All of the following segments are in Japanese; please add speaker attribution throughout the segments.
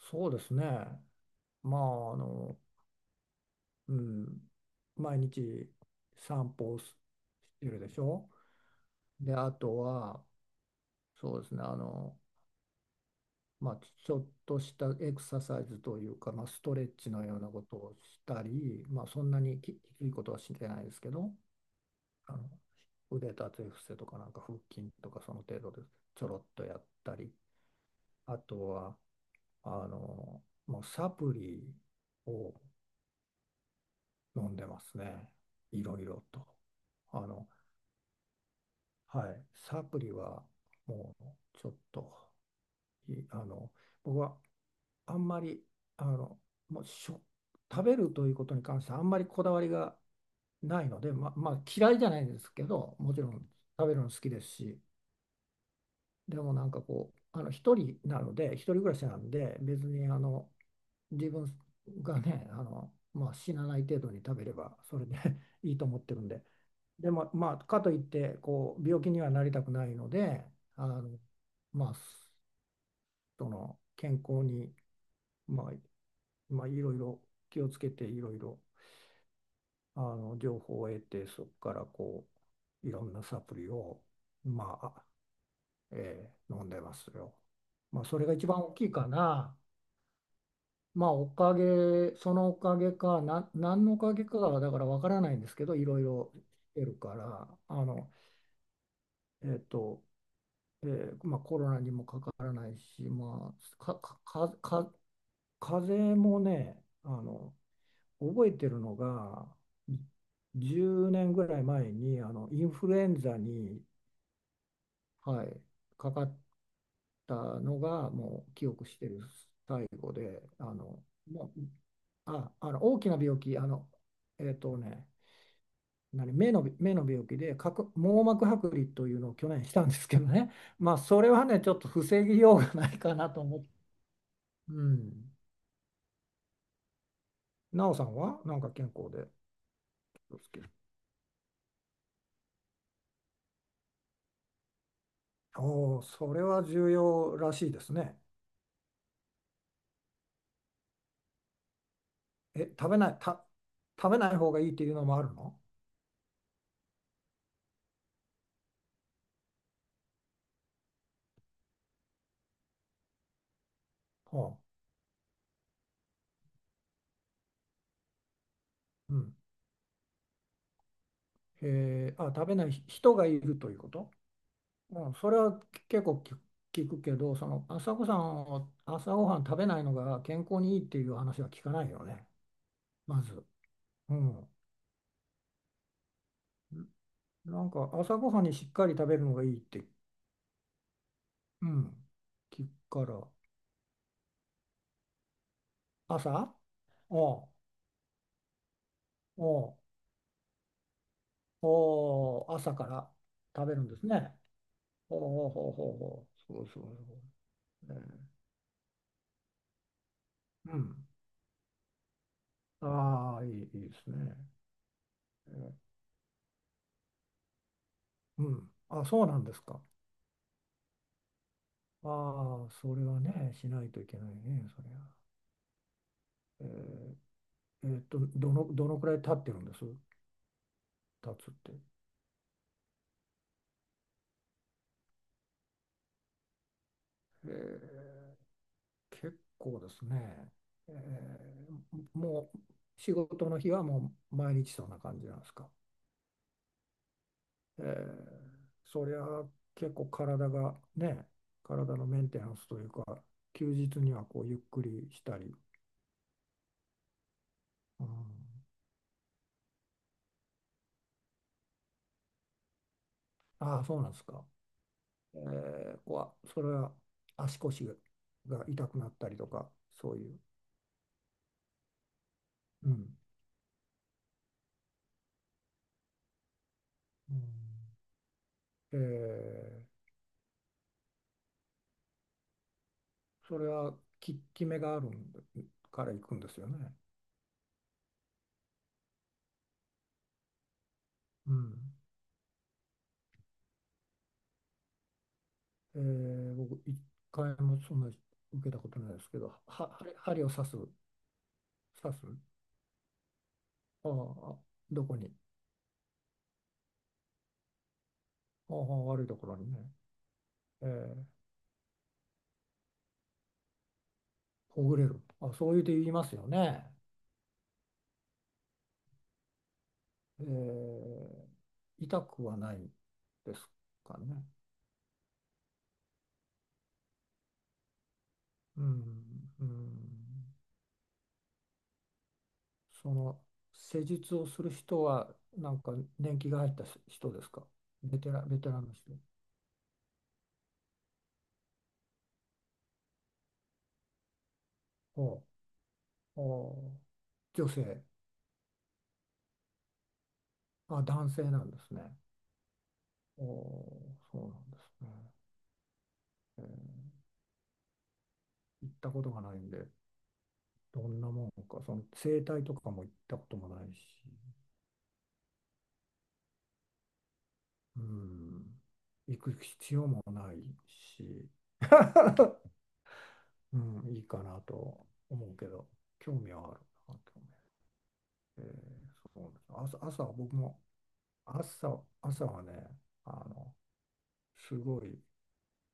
Speaker 1: そうですね。まあ、あの、うん、毎日散歩をしてるでしょ。で、あとは、そうですね、あの、まあ、ちょっとしたエクササイズというか、まあ、ストレッチのようなことをしたり、まあ、そんなにきついことはしてないですけど、あの、腕立て伏せとか、なんか腹筋とか、その程度でちょろっとやったり、あとは、あの、もうサプリを飲んでますね。いろいろと。あの、はい。サプリはもうちょっと、いあの、僕はあんまり、あの、もうしょ、食べるということに関してあんまりこだわりがないので、まあ嫌いじゃないんですけど、もちろん食べるの好きですし、でもなんかこう、あの、一人なので、一人暮らしなんで、別にあの、自分がね、あの、まあ死なない程度に食べればそれで いいと思ってるんで、でも、まあ、かといってこう病気にはなりたくないので、あのまあ、その健康に、まあいろいろ気をつけていろいろあの情報を得て、そこからこういろんなサプリを、まあ飲んでますよ。まあ、それが一番大きいかな。まあおかげ、そのおかげかな、何のおかげかはだからわからないんですけど、いろいろしてるから、えっとコロナにもかからないし、まあ、か、か、か、か風邪もね、あの、覚えてるのが、10年ぐらい前に、あの、インフルエンザに、はい、かかったのが、もう記憶してる最後で、あの、もう、大きな病気、えっとね、目の、目の病気で角網膜剥離というのを去年したんですけどね、まあ、それはね、ちょっと防ぎようがないかなと思って、うん、なおさんはなんか健康で、おおお、それは重要らしいですね。え、食べない方がいいっていうのもあるの、はうん。えー、あ、食べない人がいるということ、うん、それは結構聞くけど、その朝ごはん食べないのが健康にいいっていう話は聞かないよね、まず。うん、なんか朝ごはんにしっかり食べるのがいいって、うん、聞くから。朝おうおうおう朝から食べるんですね。ほうほうほうほうほう。そうそうそう。えー、うん。ああ、いい、いいですね。ええ、うん。あ、そうなんですか。ああ、それはね、しないといけないね、そりゃ。え、どのくらい経ってるんです、経つって。ええ、結構ですね。えー、もう仕事の日はもう毎日そんな感じなんですか。えー、そりゃ結構体がね、体のメンテナンスというか、休日にはこうゆっくりしたり、うん、ああ、そうなんですか。えー、こわ、それは足腰が痛くなったりとか、そういう。うん。うん、えー、それは効き目があるんでから行くんですよね。うん。えー、僕、一回もそんな受けたことないですけど、は、針を刺す、刺す、ああ、どこに、ああ、悪いところにね、えー、ほぐれる、あ、そういうて言いますよね。えー、痛くはないですかね。うん、うん、その施術をする人は、なんか年季が入った人ですか。ベテラン、ベテランの人。ほう、ほう、女性、あ、男性なんですね。おお、そうなんですね。えー、行ったことがないんで、どんなもんか、その整体とかも行ったこともないし、うん、行く必要もないし、うん、いいかなと思うけど、興味はあるな。興味、えー、そうなんです。朝は僕も朝はね、あの、すごい、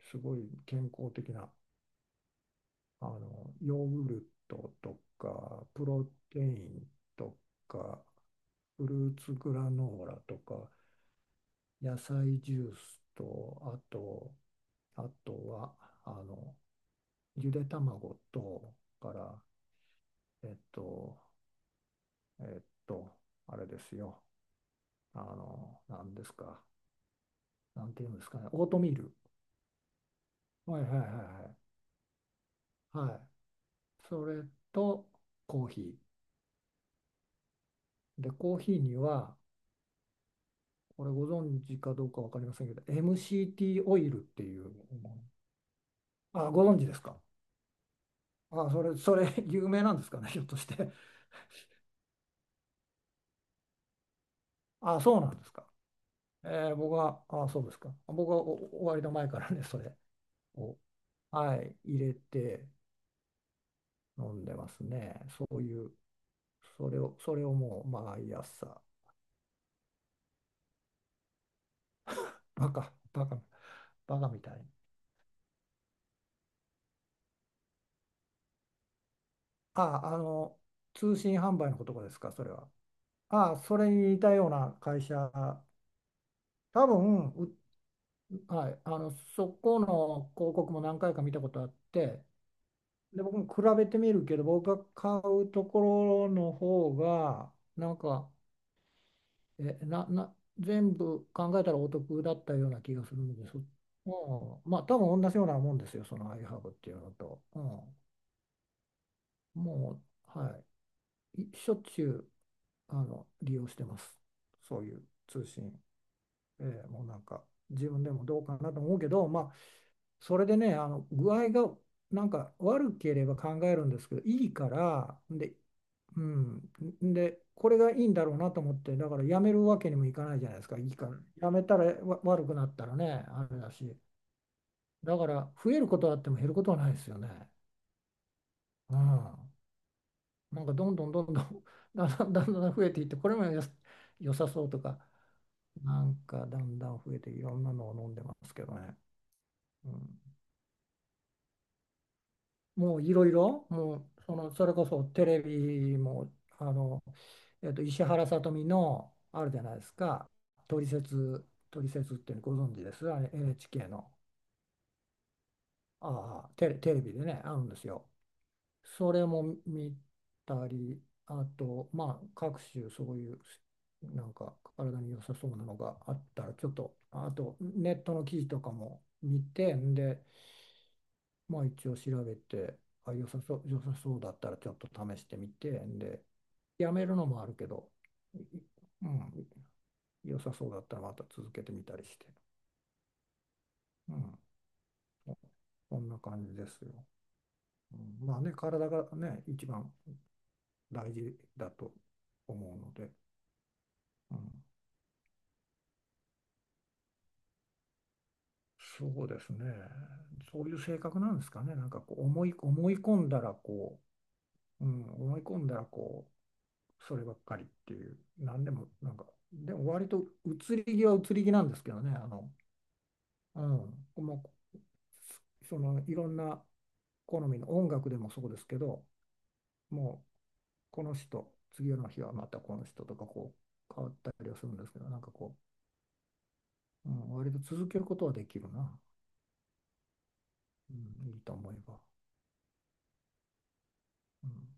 Speaker 1: すごい健康的な、あの、ヨーグルトとか、プロテインとか、フルーツグラノーラとか、野菜ジュースと、あと、あとは、あの、ゆで卵と、から、えっと、えっと、あれですよ。あの、なんですか。なんていうんですかね。オートミール。はいはいはいはい。はい。それと、コーヒー。で、コーヒーには、これご存知かどうかわかりませんけど、MCT オイルっていう、あ、ご存知ですか、あ、それ、それ、有名なんですかね、ひょっとして。あ、そうなんですか。えー、僕は、あ、そうですか。僕はお終わりの前からね、それを、はい、入れて飲んでますね。そういう、それをもう毎朝、バカ、バカ、バカみたいに。あ、あの、通信販売のことですか、それは。あ、それに似たような会社、多分、う、はい、あの、そこの広告も何回か見たことあって、で、僕も比べてみるけど、僕が買うところの方が、なんか、え、な、な、全部考えたらお得だったような気がするんです。うん、まあ、多分同じようなもんですよ、そのアイハブっていうのと。うん、もう、はい。しょっちゅう、あの、利用してます。そういう通信。えー、もうなんか自分でもどうかなと思うけど、まあ、それでね、あの具合がなんか悪ければ考えるんですけど、いいから、で、うん、で、これがいいんだろうなと思って、だからやめるわけにもいかないじゃないですか、いいから。やめたら、わ、悪くなったらね、あれだし、だから増えることはあっても減ることはないですよね。うん、なんかどんどんどんどん だんだんだんだん増えていって、これもよ良さそうとか、なんかだんだん増えていろんなのを飲んでますけどね。うん、もういろいろ、もうそのそれこそテレビも、あの、えっと、石原さとみのあるじゃないですか、「トリセツ」「トリセツ」ってご存知です、あれ NHK の、ああ、テレビでねあるんですよ。それも見たり、あとまあ各種そういうなんか体に良さそうなのがあったら、ちょっとあとネットの記事とかも見てんで、まあ一応調べて、あ、良さそうだったらちょっと試してみて、で、やめるのもあるけど、い、うん、良さそうだったらまた続けてみたりして、うん、そそんな感じですよ。うん、まあね、体がね、一番大事だと思うので、うん、そうですね、そういう性格なんですかね、なんか思い込んだらこう、うん、思い込んだらこそればっかりっていう、なんでも、なんか、でも割と移り気は移り気なんですけどね、あの、うん、もう、そのいろんな好みの音楽でもそうですけど、もうこの人、次の日はまたこの人とかこう変わったりはするんですけど、なんかこう、うん、割と続けることはできるな、うん、いいと思えば。うん